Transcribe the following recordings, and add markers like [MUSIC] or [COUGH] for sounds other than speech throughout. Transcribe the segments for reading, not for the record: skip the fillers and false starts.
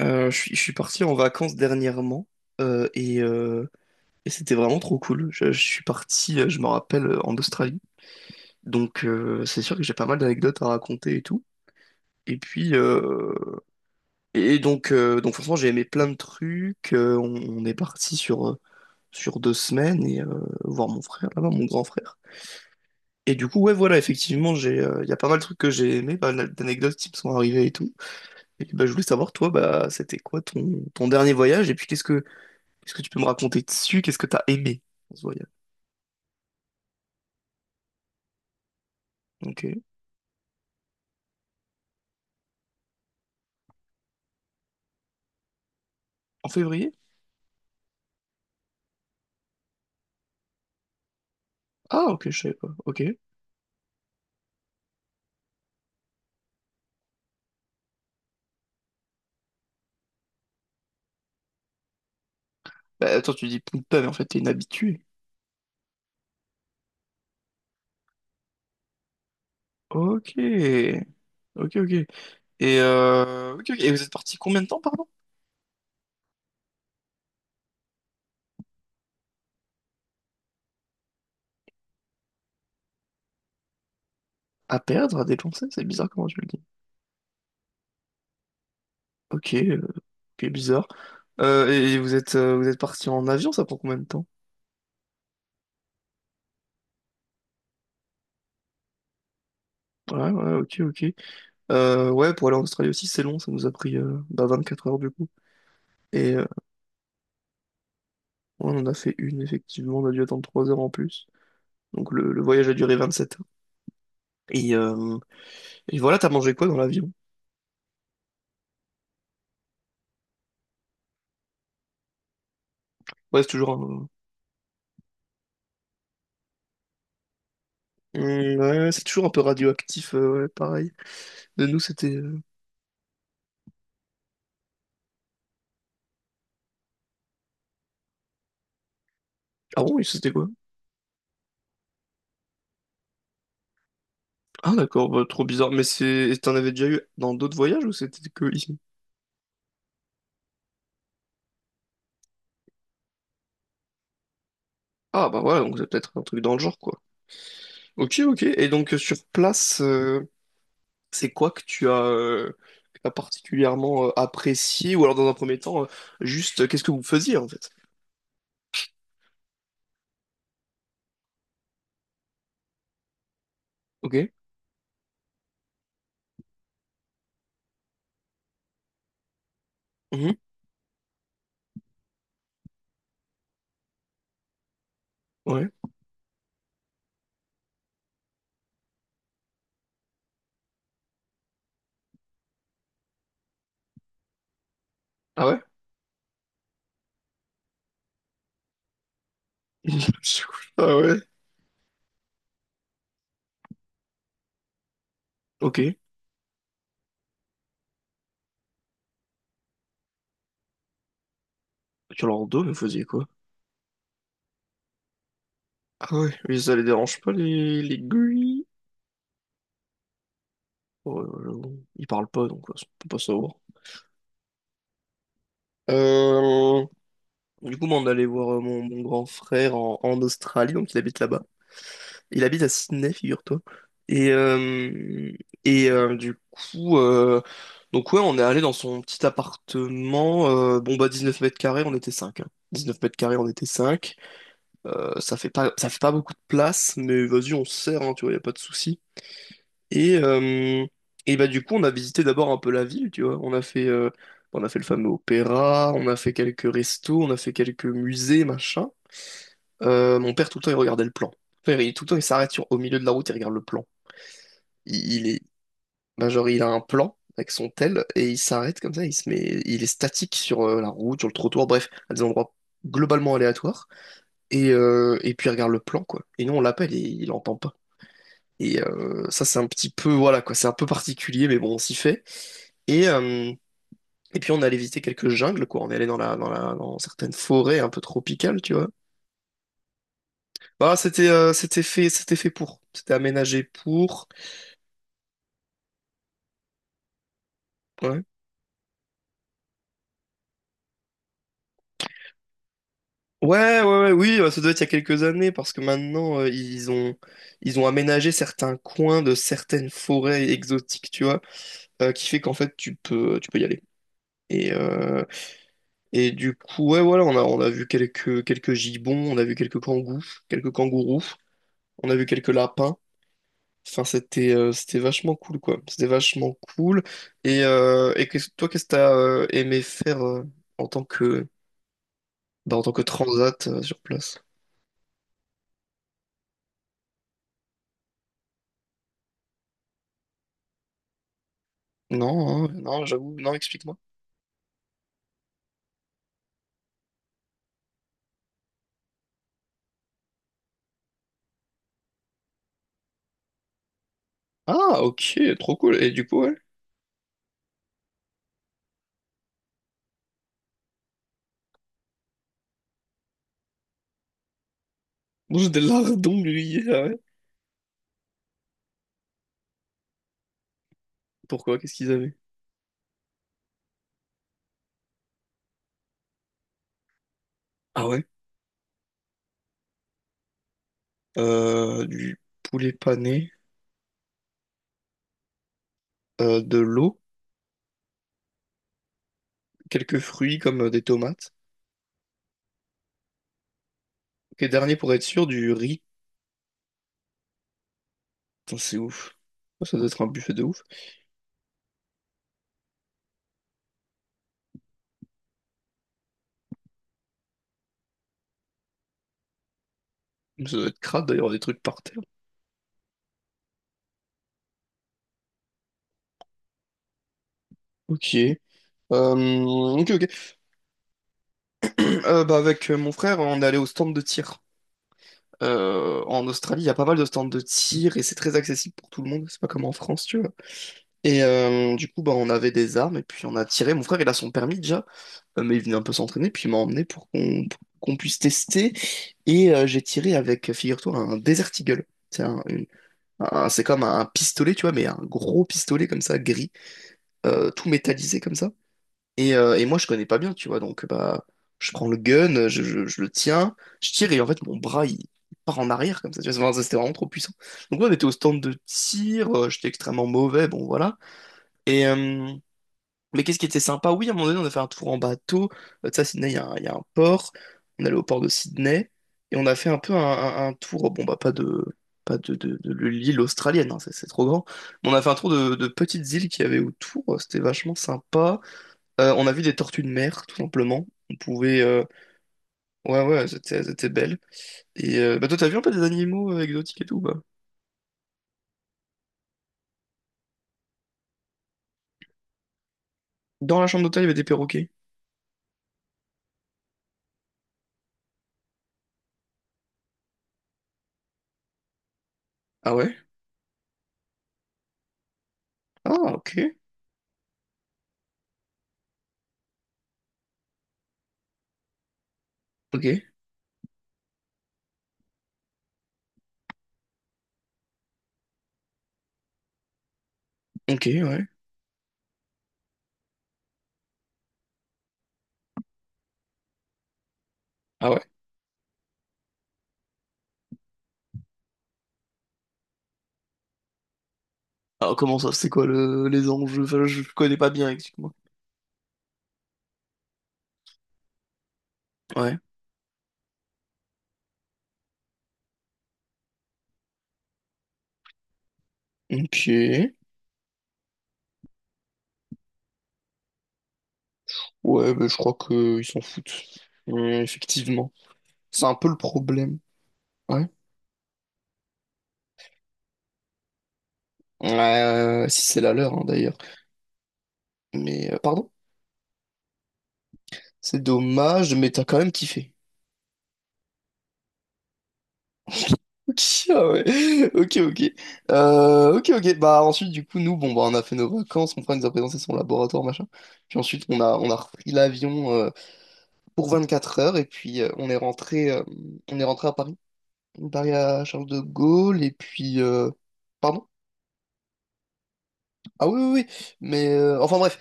Je suis parti en vacances dernièrement euh, et, euh, et c'était vraiment trop cool. Je suis parti, je me rappelle, en Australie. Donc, c'est sûr que j'ai pas mal d'anecdotes à raconter et tout. Et puis et donc franchement j'ai aimé plein de trucs. On est parti sur 2 semaines voir mon frère là-bas, mon grand frère. Et du coup, ouais, voilà, effectivement j'ai il y a pas mal de trucs que j'ai aimé, pas mal d'anecdotes qui me sont arrivées et tout. Et bah, je voulais savoir, toi bah c'était quoi ton dernier voyage et puis qu'est-ce que Est-ce que tu peux me raconter dessus? Qu'est-ce que t'as aimé dans ce voyage? Ok. En février? Ah, ok, je savais pas. Ok. Bah, attends, tu dis Punta, mais en fait, t'es une habituée. Ok. Ok, ok. Ok, ok. Et vous êtes parti combien de temps, pardon? À perdre, à dépenser? C'est bizarre comment tu le dis. Ok, ok, bizarre. Et vous êtes parti en avion, ça prend combien de temps? Ouais, ouais, ok, ok. Ouais, pour aller en Australie aussi, c'est long, ça nous a pris 24 heures du coup. Ouais, on en a fait une, effectivement, on a dû attendre 3 heures en plus. Donc le voyage a duré 27 heures. Et, euh, et voilà, t'as mangé quoi dans l'avion? Ouais, c'est toujours un... Hum, ouais, c'est toujours un peu radioactif, ouais, pareil. De nous, c'était... Ah bon, et c'était quoi? Ah, d'accord, bah, trop bizarre. Mais c'est... T'en avais déjà eu dans d'autres voyages ou c'était que ici? Ah, bah, voilà, donc c'est peut-être un truc dans le genre, quoi. Ok, ok. Et sur place, c'est quoi que tu as... que t'as particulièrement apprécié ou alors dans un premier temps juste qu'est-ce que vous faisiez en fait? Ok. Mhm. Ouais. Ah, ouais. [LAUGHS] Ah, ouais. Ok. Orlando, mais vous faisiez quoi? Ah, ouais, mais ça les dérange pas, les gris? Ouais, ouais, ouais, ils parlent pas, donc ouais, on peut pas savoir. Euh, Du coup, moi, on allait voir mon grand frère en Australie, donc il habite là-bas. Il habite à Sydney, figure-toi. Et, euh, et euh, du coup, euh, donc ouais, on est allé dans son petit appartement. Bon, bah, 19 m², on était cinq. 19 m², on était cinq. Ça fait pas beaucoup de place, mais vas-y, on se sert, hein, tu vois, y a pas de souci. Et, euh, et bah, du coup, on a visité d'abord un peu la ville, tu vois. On a fait le fameux opéra, on a fait quelques restos, on a fait quelques musées, machin. Mon père, tout le temps, il regardait le plan. Mon père, il, tout le temps, il s'arrête au milieu de la route, il regarde le plan. Il, il est, Bah, genre, il a un plan avec son tel et il s'arrête comme ça, il se met, il est statique sur la route, sur le trottoir, bref, à des endroits globalement aléatoires. Et puis, il regarde le plan, quoi. Et nous, on l'appelle et il entend pas. Ça, c'est un petit peu, voilà, quoi, c'est un peu particulier, mais bon, on s'y fait. Et, euh, et puis on allait visiter quelques jungles, quoi. On est allé dans certaines forêts un peu tropicales, tu vois. Bah, c'était fait pour. C'était aménagé pour. Ouais. Ouais, ouais, ouais, oui, ça doit être il y a quelques années, parce que maintenant, ils ont aménagé certains coins de certaines forêts exotiques, tu vois, qui fait qu'en fait, tu peux y aller. Et, euh, et du coup, ouais, voilà, on a vu quelques gibbons, on a vu quelques kangous, quelques kangourous, on a vu quelques lapins. Enfin, c'était vachement cool, quoi. C'était vachement cool. Et toi, qu'est-ce que t'as aimé faire en tant que bah, en tant que transat sur place? Non, hein, non, j'avoue, non, explique-moi. Ah, ok, trop cool. Et du coup, ouais. Mange des lardons grillés, [LAUGHS] ah, ouais. Pourquoi? Qu'est-ce qu'ils avaient? Ah, ouais. Du poulet pané, de l'eau, quelques fruits comme des tomates. Ok, dernier pour être sûr, du riz. Putain, c'est ouf. Ça doit être un buffet de ouf. Ça doit être crade d'ailleurs, des trucs par terre. Ok. Ok, ok. [CLEARS THROAT] Bah, avec mon frère, on est allé au stand de tir. En Australie, il y a pas mal de stands de tir et c'est très accessible pour tout le monde. C'est pas comme en France, tu vois. Du coup, bah, on avait des armes et puis on a tiré. Mon frère, il a son permis déjà, mais il venait un peu s'entraîner. Puis il m'a emmené pour qu'on puisse tester. J'ai tiré avec, figure-toi, un Desert Eagle. C'est un, une- c'est comme un pistolet, tu vois, mais un gros pistolet comme ça, gris, tout métallisé comme ça. Et moi, je connais pas bien, tu vois, donc bah, je prends le gun, je le tiens, je tire et en fait, mon bras, il part en arrière comme ça, tu vois, c'était vraiment trop puissant. Donc, ouais, on était au stand de tir, j'étais extrêmement mauvais, bon, voilà. Et, euh, mais qu'est-ce qui était sympa? Oui, à un moment donné, on a fait un tour en bateau. Tu sais, à Sydney, il y a un port, on est allé au port de Sydney, et on a fait un peu un tour, bon, bah, pas de, pas de, de l'île australienne, hein, c'est trop grand, mais on a fait un tour de petites îles qu'il y avait autour, c'était vachement sympa. On a vu des tortues de mer, tout simplement. On pouvait... Ouais, ouais, c'était belle. Bah, toi, t'as vu un peu des animaux exotiques et tout, bah. Dans la chambre d'hôtel, il y avait des perroquets. Ah, ouais? Ah, ok. Ok. Ok, ouais. Ah, ouais? Alors, comment ça? C'est quoi le... les enjeux? Enfin, je connais pas bien, excuse-moi. Ouais. Ok. Ouais, bah, je crois qu'ils s'en foutent. Ouais, effectivement. C'est un peu le problème. Ouais. Si c'est la leur, hein, d'ailleurs. Mais, pardon? C'est dommage, mais t'as quand même kiffé. Ok. [LAUGHS] Ah, ouais. Ok, ok. Ok, ok. Bah, ensuite, du coup, nous, bon, bah on a fait nos vacances, mon frère nous a présenté son laboratoire, machin. Puis ensuite, on a repris l'avion pour 4 heures et puis on est rentré à Paris. Paris à Charles de Gaulle et puis, pardon? Ah, oui, oui, oui. Enfin, bref.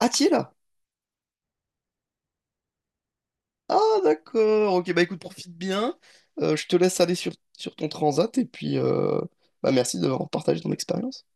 Ah, t'y es là? Ah, d'accord. Ok, bah, écoute, profite bien. Je te laisse aller sur ton transat et puis, bah, merci d'avoir partagé ton expérience.